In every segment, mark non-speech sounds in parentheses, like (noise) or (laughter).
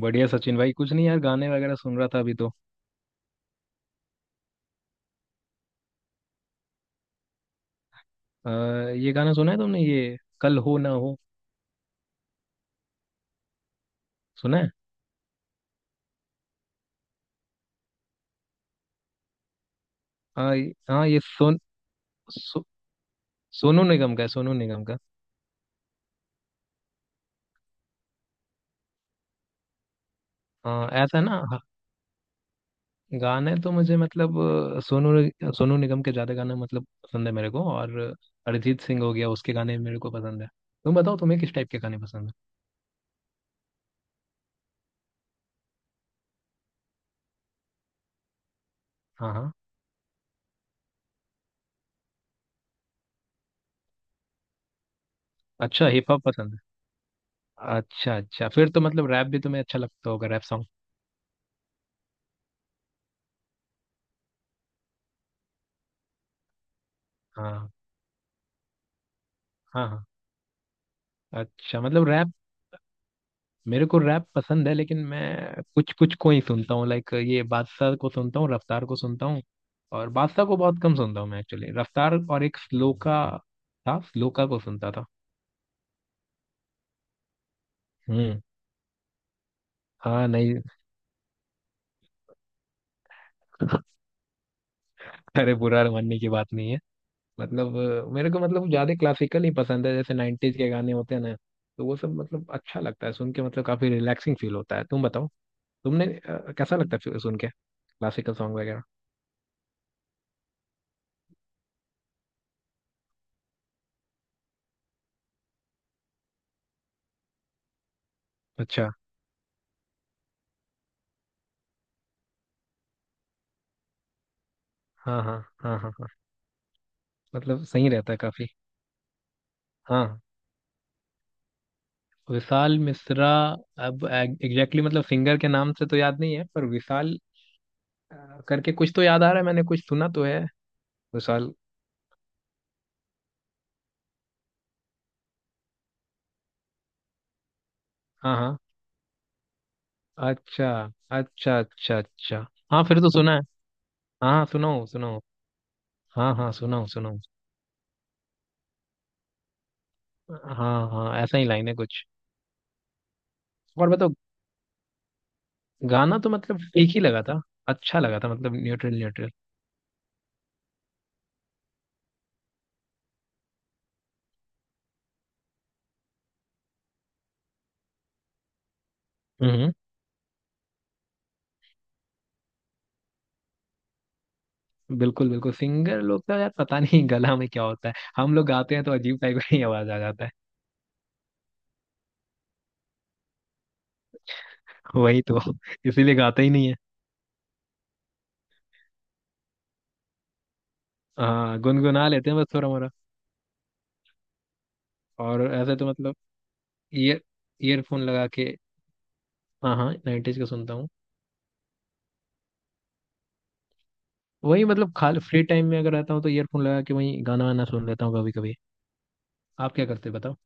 बढ़िया सचिन भाई। कुछ नहीं यार, गाने वगैरह सुन रहा था अभी तो। आ, ये गाना सुना है तुमने, ये कल हो ना हो? सुना है? हाँ ये- हाँ ये सोन सो, सोनू निगम का है, सोनू निगम का। हाँ ऐसा है ना। हाँ, गाने तो मुझे मतलब सोनू निगम के ज्यादा गाना मतलब पसंद है मेरे को। और अरिजीत सिंह हो गया, उसके गाने मेरे को पसंद है। तुम बताओ, तुम्हें किस टाइप के गाने पसंद है? हाँ हाँ। अच्छा, हिप हॉप पसंद है। अच्छा अच्छा, फिर तो मतलब रैप भी तुम्हें अच्छा लगता होगा, रैप सॉन्ग? हाँ। हाँ हाँ। अच्छा मतलब रैप, मेरे को रैप पसंद है, लेकिन मैं कुछ कुछ को ही सुनता हूँ। लाइक ये बादशाह को सुनता हूँ, रफ्तार को सुनता हूँ। और बादशाह को बहुत कम सुनता हूँ मैं एक्चुअली। रफ्तार और एक स्लोका था, स्लोका को सुनता था। हम्म। हाँ नहीं, अरे बुरा मानने की बात नहीं है। मतलब मेरे को मतलब ज्यादा क्लासिकल ही पसंद है। जैसे 90s के गाने होते हैं ना, तो वो सब मतलब अच्छा लगता है सुन के। मतलब काफी रिलैक्सिंग फील होता है। तुम बताओ, तुमने कैसा लगता है फिर सुन के क्लासिकल सॉन्ग वगैरह? अच्छा। हाँ हाँ। हाँ हाँ हाँ। मतलब सही रहता है काफी। हाँ, विशाल मिश्रा। अब एग्जैक्टली मतलब सिंगर के नाम से तो याद नहीं है, पर विशाल करके कुछ तो याद आ रहा है, मैंने कुछ सुना तो है। विशाल। हाँ हाँ। अच्छा। अच्छा अच्छा अच्छा। हाँ फिर तो सुना है। हाँ हाँ, सुना हूँ सुना हूँ। हाँ हाँ, सुना हूँ सुना हूँ। हाँ हाँ, ऐसा ही लाइन है कुछ। और बताओ। गाना तो मतलब एक ही लगा था। अच्छा लगा था, मतलब न्यूट्रल न्यूट्रल। हम्म हम्म। बिल्कुल बिल्कुल। सिंगर लोग का यार पता नहीं (laughs) गला में क्या होता है। हम लोग गाते हैं तो अजीब टाइप की आवाज आ जाता है। वही तो, इसीलिए गाते ही नहीं है। हाँ, गुनगुना लेते हैं बस थोड़ा मोड़ा। और ऐसे तो मतलब ईयर ईयरफोन लगा के। हाँ हाँ, 90s का सुनता हूँ। वही, मतलब खाली फ्री टाइम में अगर रहता हूँ तो ईयरफोन लगा के वही गाना वाना सुन लेता हूँ कभी कभी। आप क्या करते हैं बताओ?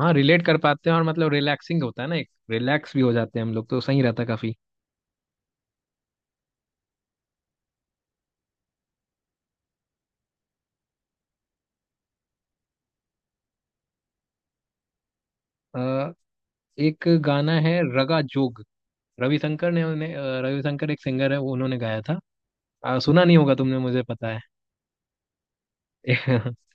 हाँ रिलेट कर पाते हैं, और मतलब रिलैक्सिंग होता है ना, एक रिलैक्स भी हो जाते हैं हम लोग तो। सही रहता है काफी। अ, एक गाना है, रगा जोग। रविशंकर ने उन्हें रविशंकर एक सिंगर है, वो उन्होंने गाया था। सुना नहीं होगा तुमने, मुझे पता है। (laughs)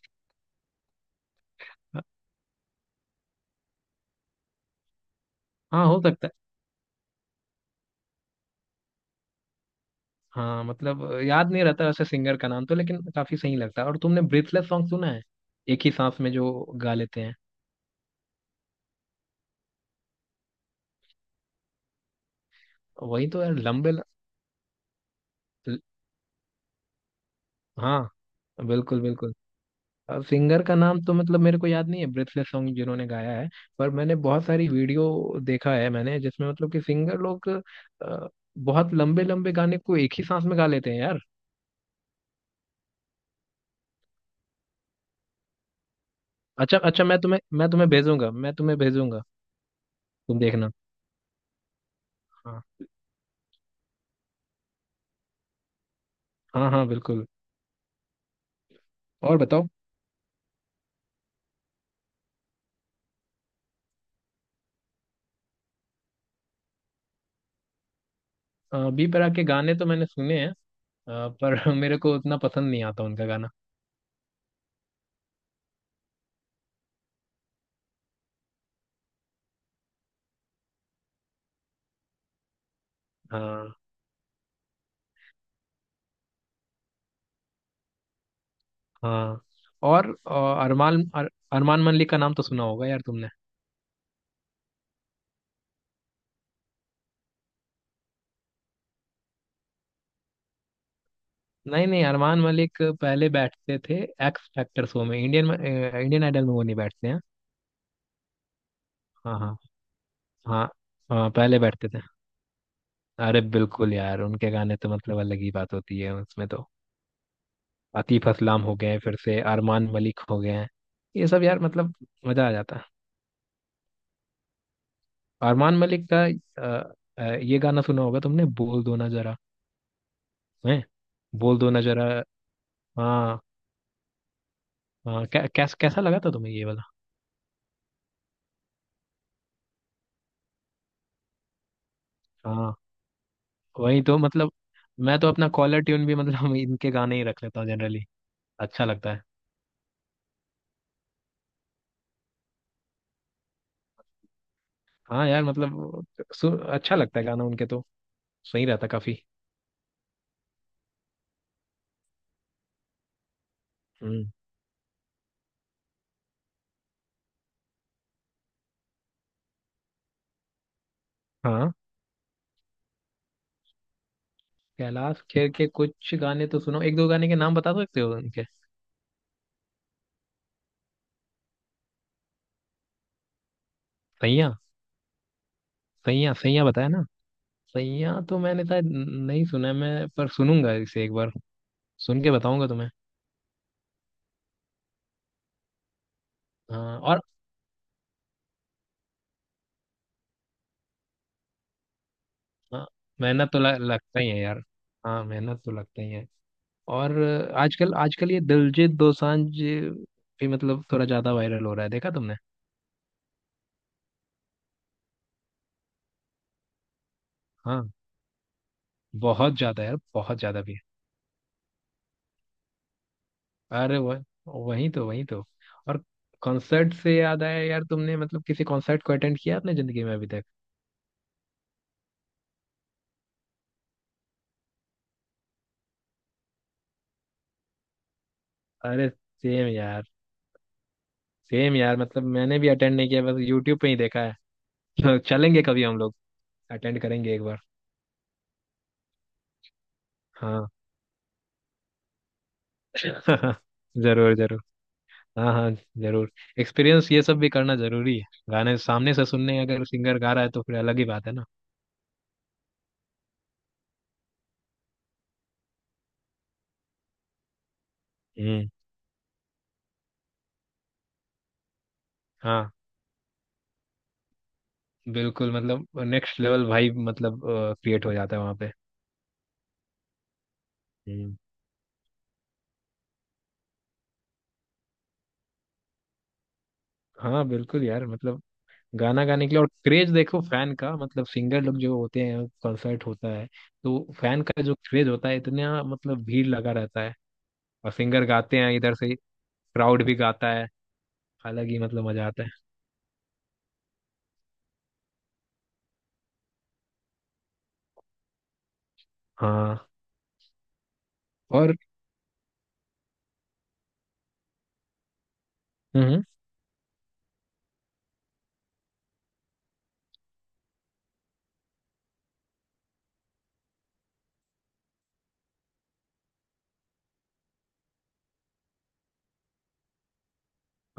हाँ हो सकता है। हाँ मतलब याद नहीं रहता वैसे सिंगर का नाम तो, लेकिन काफी सही लगता है। और तुमने ब्रीथलेस सॉन्ग सुना है, एक ही सांस में जो गा लेते हैं? वही तो यार, ल- हाँ बिल्कुल बिल्कुल। अब सिंगर का नाम तो मतलब मेरे को याद नहीं है ब्रीथलेस सॉन्ग जिन्होंने गाया है, पर मैंने बहुत सारी वीडियो देखा है मैंने जिसमें मतलब कि सिंगर लोग अ, बहुत लंबे लंबे गाने को एक ही सांस में गा लेते हैं यार। अच्छा अच्छा। मैं तुम्हें भेजूंगा, मैं तुम्हें भेजूंगा, तुम देखना। हाँ हाँ हाँ बिल्कुल। और बताओ। बी प्राक के गाने तो मैंने सुने हैं पर (laughs) मेरे को उतना पसंद नहीं आता उनका गाना। हाँ हाँ। और अरमान मलिक का नाम तो सुना होगा यार तुमने। नहीं नहीं, अरमान मलिक पहले बैठते थे एक्स फैक्टर शो में। इंडियन इंडियन आइडल में वो नहीं बैठते हैं। हाँ हाँ। हाँ हाँ, पहले बैठते थे। अरे बिल्कुल यार, उनके गाने तो मतलब अलग ही बात होती है उसमें तो। आतिफ असलाम हो गए, फिर से अरमान मलिक हो गए हैं, ये सब यार मतलब मजा आ जाता है। अरमान मलिक का ये गाना सुना होगा तुमने, बोल दो ना जरा? हैं? बोल दो ना जरा। हाँ हाँ कै, कैस, कैसा लगा था तुम्हें ये वाला? हाँ वही तो मतलब, मैं तो अपना कॉलर ट्यून भी मतलब (laughs) इनके गाने ही रख लेता हूँ जनरली। अच्छा लगता है। हाँ यार मतलब अच्छा लगता है गाना उनके तो। सही रहता काफी। हम्म। हाँ, कैलाश खेर के कुछ गाने तो सुनो, एक दो गाने के नाम बता सकते हो उनके? सैया। सैया सैया बताया ना। सैया तो मैंने शायद नहीं सुना है मैं, पर सुनूंगा इसे एक बार, सुन के बताऊंगा तुम्हें। हाँ और हाँ, लगता ही है यार। हाँ, मेहनत तो लगता ही है। और आजकल आजकल ये दिलजीत दोसांझ भी मतलब थोड़ा ज्यादा वायरल हो रहा है, देखा तुमने? हाँ, बहुत ज्यादा यार, बहुत ज्यादा भी। अरे वह, वही तो वही तो। और कॉन्सर्ट से याद आया यार, तुमने मतलब किसी कॉन्सर्ट को अटेंड किया अपने जिंदगी में अभी तक? अरे सेम यार, सेम यार, मतलब मैंने भी अटेंड नहीं किया, बस यूट्यूब पे ही देखा है। (laughs) चलेंगे कभी हम लोग, अटेंड करेंगे एक बार। हाँ। (laughs) जरूर जरूर। हाँ हाँ जरूर। एक्सपीरियंस ये सब भी करना जरूरी है। गाने सामने से सुनने अगर सिंगर गा रहा है तो फिर अलग ही बात है ना। हम्म। हाँ बिल्कुल, मतलब नेक्स्ट लेवल भाई, मतलब क्रिएट हो जाता है वहाँ पे। हम्म। हाँ बिल्कुल यार, मतलब गाना गाने के लिए, और क्रेज देखो फैन का, मतलब सिंगर लोग जो होते हैं, कॉन्सर्ट होता है तो फैन का जो क्रेज होता है इतना, मतलब भीड़ लगा रहता है। और सिंगर गाते हैं इधर से, क्राउड भी गाता है। अलग ही मतलब मजा आता है। हाँ। और। हम्म।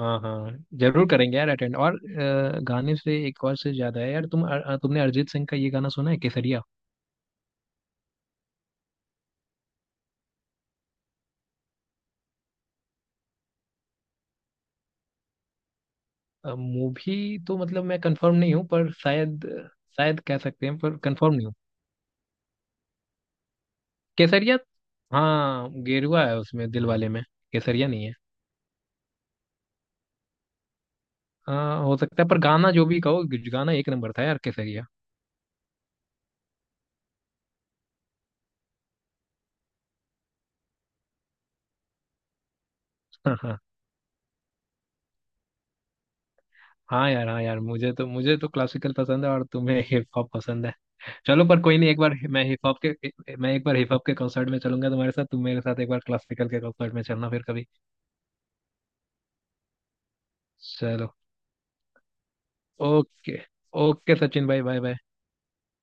हाँ हाँ, जरूर करेंगे यार अटेंड। और गाने से एक और से ज्यादा है यार तुम, तुमने अरिजीत सिंह का ये गाना सुना है केसरिया? मूवी तो मतलब मैं कंफर्म नहीं हूँ पर शायद, शायद कह सकते हैं पर कंफर्म नहीं हूँ। केसरिया। हाँ गेरुआ है उसमें दिलवाले में, केसरिया नहीं है। हाँ हो सकता है, पर गाना जो भी कहो, गाना एक नंबर था यार केसरिया। (laughs) हाँ यार, हाँ यार, मुझे तो क्लासिकल पसंद है और तुम्हें हिप हॉप पसंद है। चलो पर कोई नहीं, एक बार मैं हिप हॉप के मैं एक बार हिप हॉप के कॉन्सर्ट में चलूंगा तुम्हारे साथ, तुम मेरे साथ एक बार क्लासिकल के कॉन्सर्ट में चलना फिर कभी। चलो ओके। ओके सचिन भाई, बाय बाय।